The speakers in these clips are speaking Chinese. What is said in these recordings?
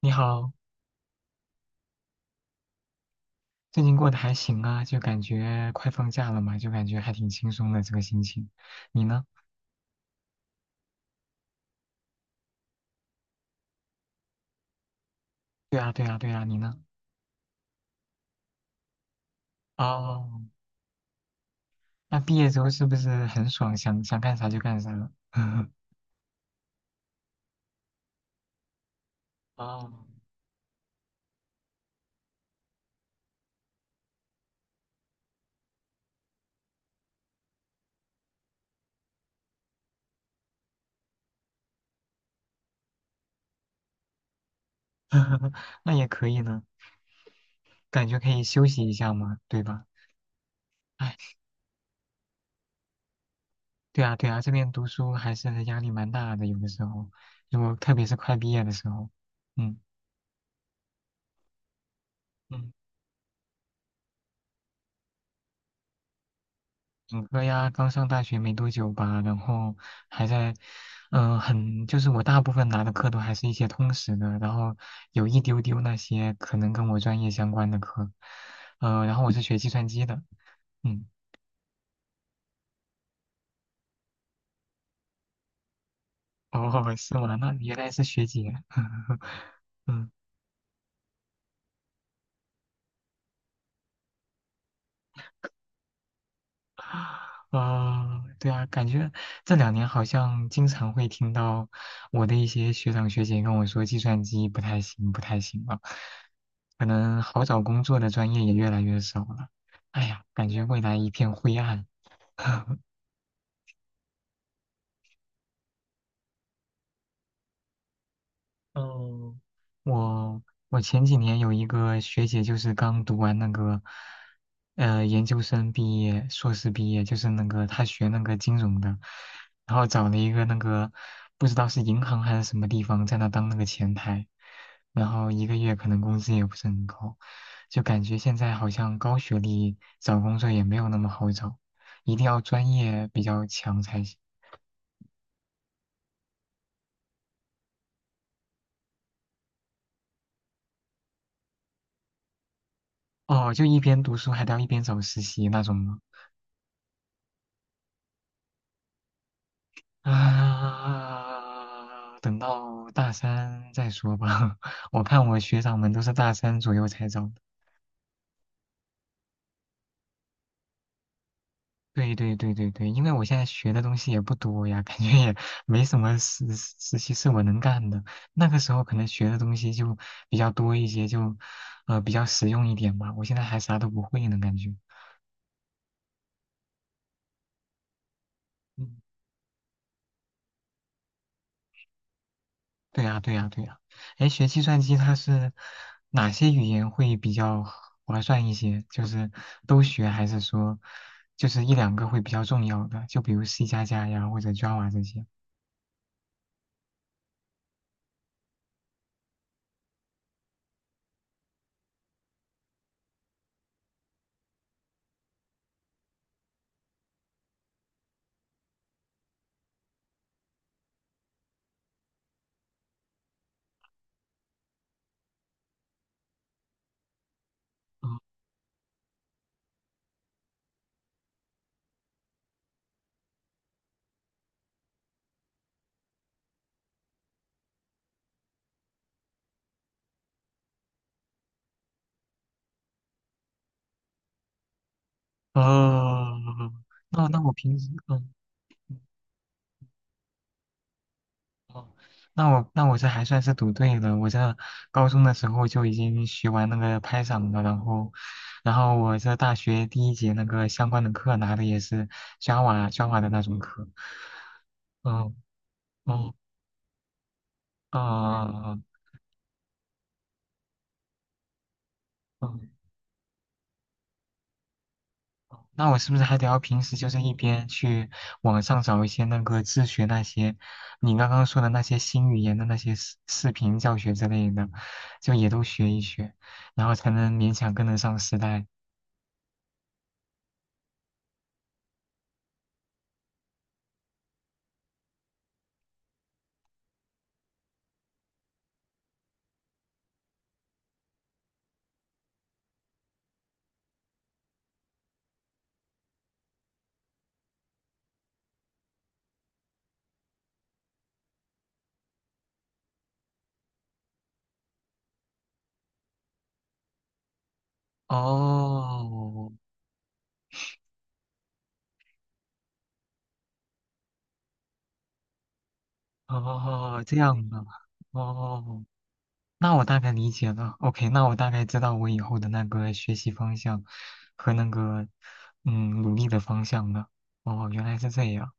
你好，最近过得还行啊，就感觉快放假了嘛，就感觉还挺轻松的这个心情。你呢？对啊，对啊，对啊，你呢？哦，那毕业之后是不是很爽，想想干啥就干啥了？哦，那也可以呢，感觉可以休息一下嘛，对吧？哎，对啊，对啊，这边读书还是压力蛮大的，有的时候，如果特别是快毕业的时候，嗯。嗯本科呀，刚上大学没多久吧，然后还在，就是我大部分拿的课都还是一些通识的，然后有一丢丢那些可能跟我专业相关的课，然后我是学计算机的，嗯，哦，是吗？那原来是学姐，嗯啊、对啊，感觉这两年好像经常会听到我的一些学长学姐跟我说，计算机不太行，不太行了，可能好找工作的专业也越来越少了。哎呀，感觉未来一片灰暗。嗯，我我前几年有一个学姐，就是刚读完那个，研究生毕业、硕士毕业，就是那个她学那个金融的，然后找了一个那个不知道是银行还是什么地方，在那当那个前台，然后一个月可能工资也不是很高，就感觉现在好像高学历找工作也没有那么好找，一定要专业比较强才行。哦，就一边读书还得要一边找实习那种吗？啊，等到大三再说吧。我看我学长们都是大三左右才找的。对对对对对，因为我现在学的东西也不多呀，感觉也没什么实习是我能干的。那个时候可能学的东西就比较多一些，就比较实用一点吧。我现在还啥都不会呢，感觉。嗯对呀，对呀，对呀。哎，学计算机它是哪些语言会比较划算一些？就是都学，还是说就是一两个会比较重要的？就比如 C 加加呀，或者 Java 这些。嗯哦，那那我平时哦，那我这还算是读对了。我这高中的时候就已经学完那个 Python 了，然后我这大学第一节那个相关的课拿的也是 Java 的那种课。嗯。哦，啊，嗯，那我是不是还得要平时就是一边去网上找一些那个自学那些你刚刚说的那些新语言的那些视频教学之类的，就也都学一学，然后才能勉强跟得上时代。哦，哦，这样的，哦，那我大概理解了。OK，那我大概知道我以后的那个学习方向和那个努力的方向了。哦，原来是这样。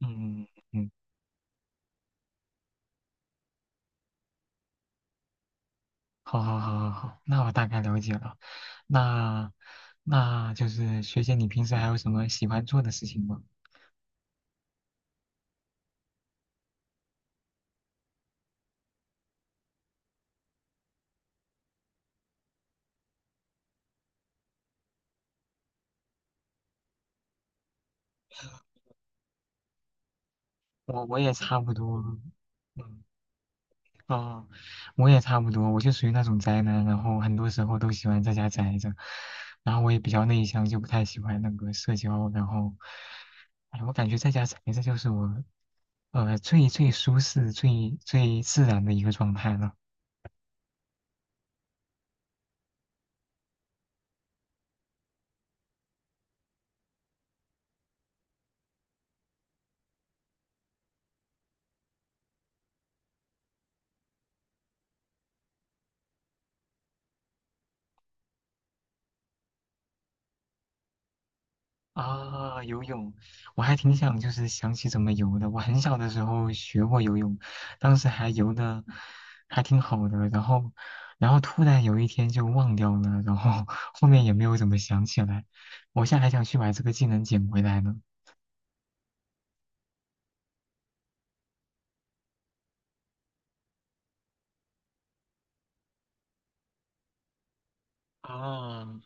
嗯。嗯好好好好好，那我大概了解了。那就是学姐，你平时还有什么喜欢做的事情吗？我也差不多，嗯哦，我也差不多，我就属于那种宅男，然后很多时候都喜欢在家宅着，然后我也比较内向，就不太喜欢那个社交，然后，哎，我感觉在家宅着就是我，最最舒适、最最自然的一个状态了。啊，游泳，我还挺想就是想起怎么游的。我很小的时候学过游泳，当时还游的还挺好的，然后突然有一天就忘掉了，然后后面也没有怎么想起来。我现在还想去把这个技能捡回来呢。啊，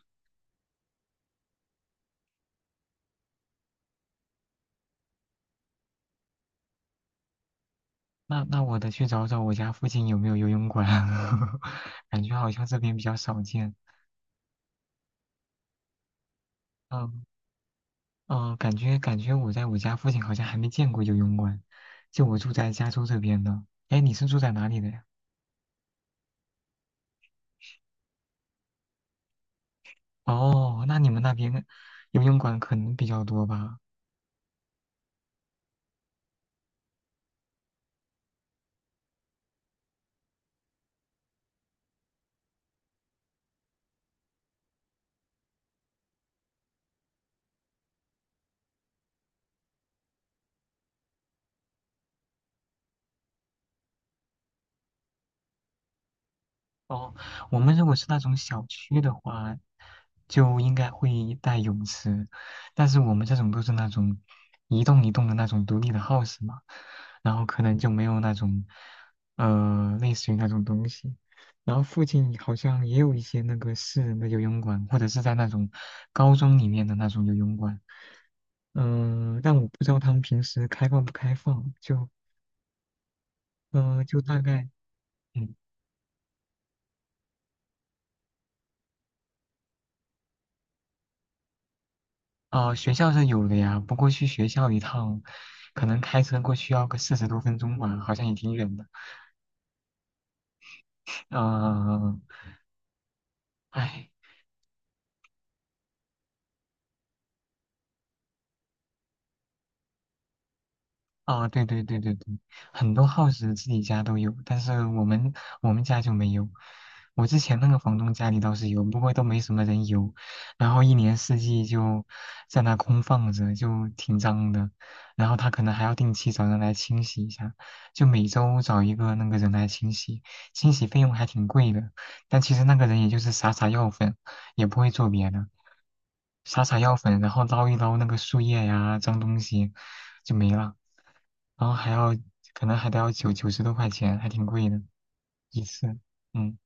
那我得去找找我家附近有没有游泳馆，感觉好像这边比较少见。嗯。哦，感觉我在我家附近好像还没见过游泳馆，就我住在加州这边的。哎，你是住在哪里的呀？哦，那你们那边游泳馆可能比较多吧？哦，我们如果是那种小区的话，就应该会带泳池，但是我们这种都是那种一栋一栋的那种独立的 house 嘛，然后可能就没有那种类似于那种东西。然后附近好像也有一些那个私人的游泳馆，或者是在那种高中里面的那种游泳馆，但我不知道他们平时开放不开放，就就大概。嗯。哦，学校是有的呀，不过去学校一趟，可能开车过去要个40多分钟吧，好像也挺远的。嗯、呃，唉，啊，对对对对对，很多 house 自己家都有，但是我们家就没有。我之前那个房东家里倒是有，不过都没什么人有，然后一年四季就在那空放着，就挺脏的。然后他可能还要定期找人来清洗一下，就每周找一个那个人来清洗，清洗费用还挺贵的，但其实那个人也就是撒撒药粉，也不会做别的。撒撒药粉，然后捞一捞那个树叶呀、脏东西，就没了。然后还要，可能还得要九十多块钱，还挺贵的一次。嗯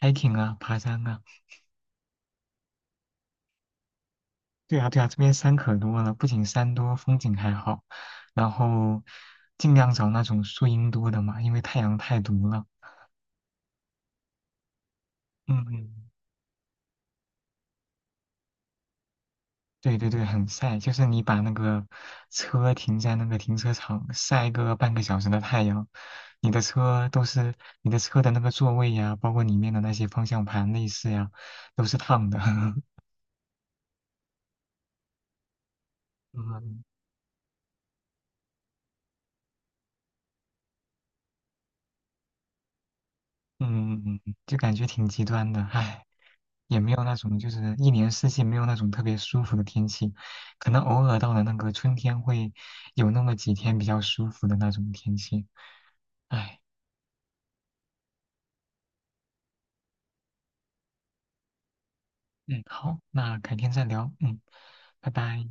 ，hiking 啊，爬山啊，对啊对啊，这边山可多了，不仅山多，风景还好。然后尽量找那种树荫多的嘛，因为太阳太毒了。嗯嗯。对对对，很晒，就是你把那个车停在那个停车场晒个半个小时的太阳，你的车都是你的车的那个座位呀，包括里面的那些方向盘、内饰呀，都是烫的。嗯，嗯，就感觉挺极端的，唉，也没有那种就是一年四季没有那种特别舒服的天气，可能偶尔到了那个春天会有那么几天比较舒服的那种天气，唉。嗯，好，那改天再聊。嗯，拜拜。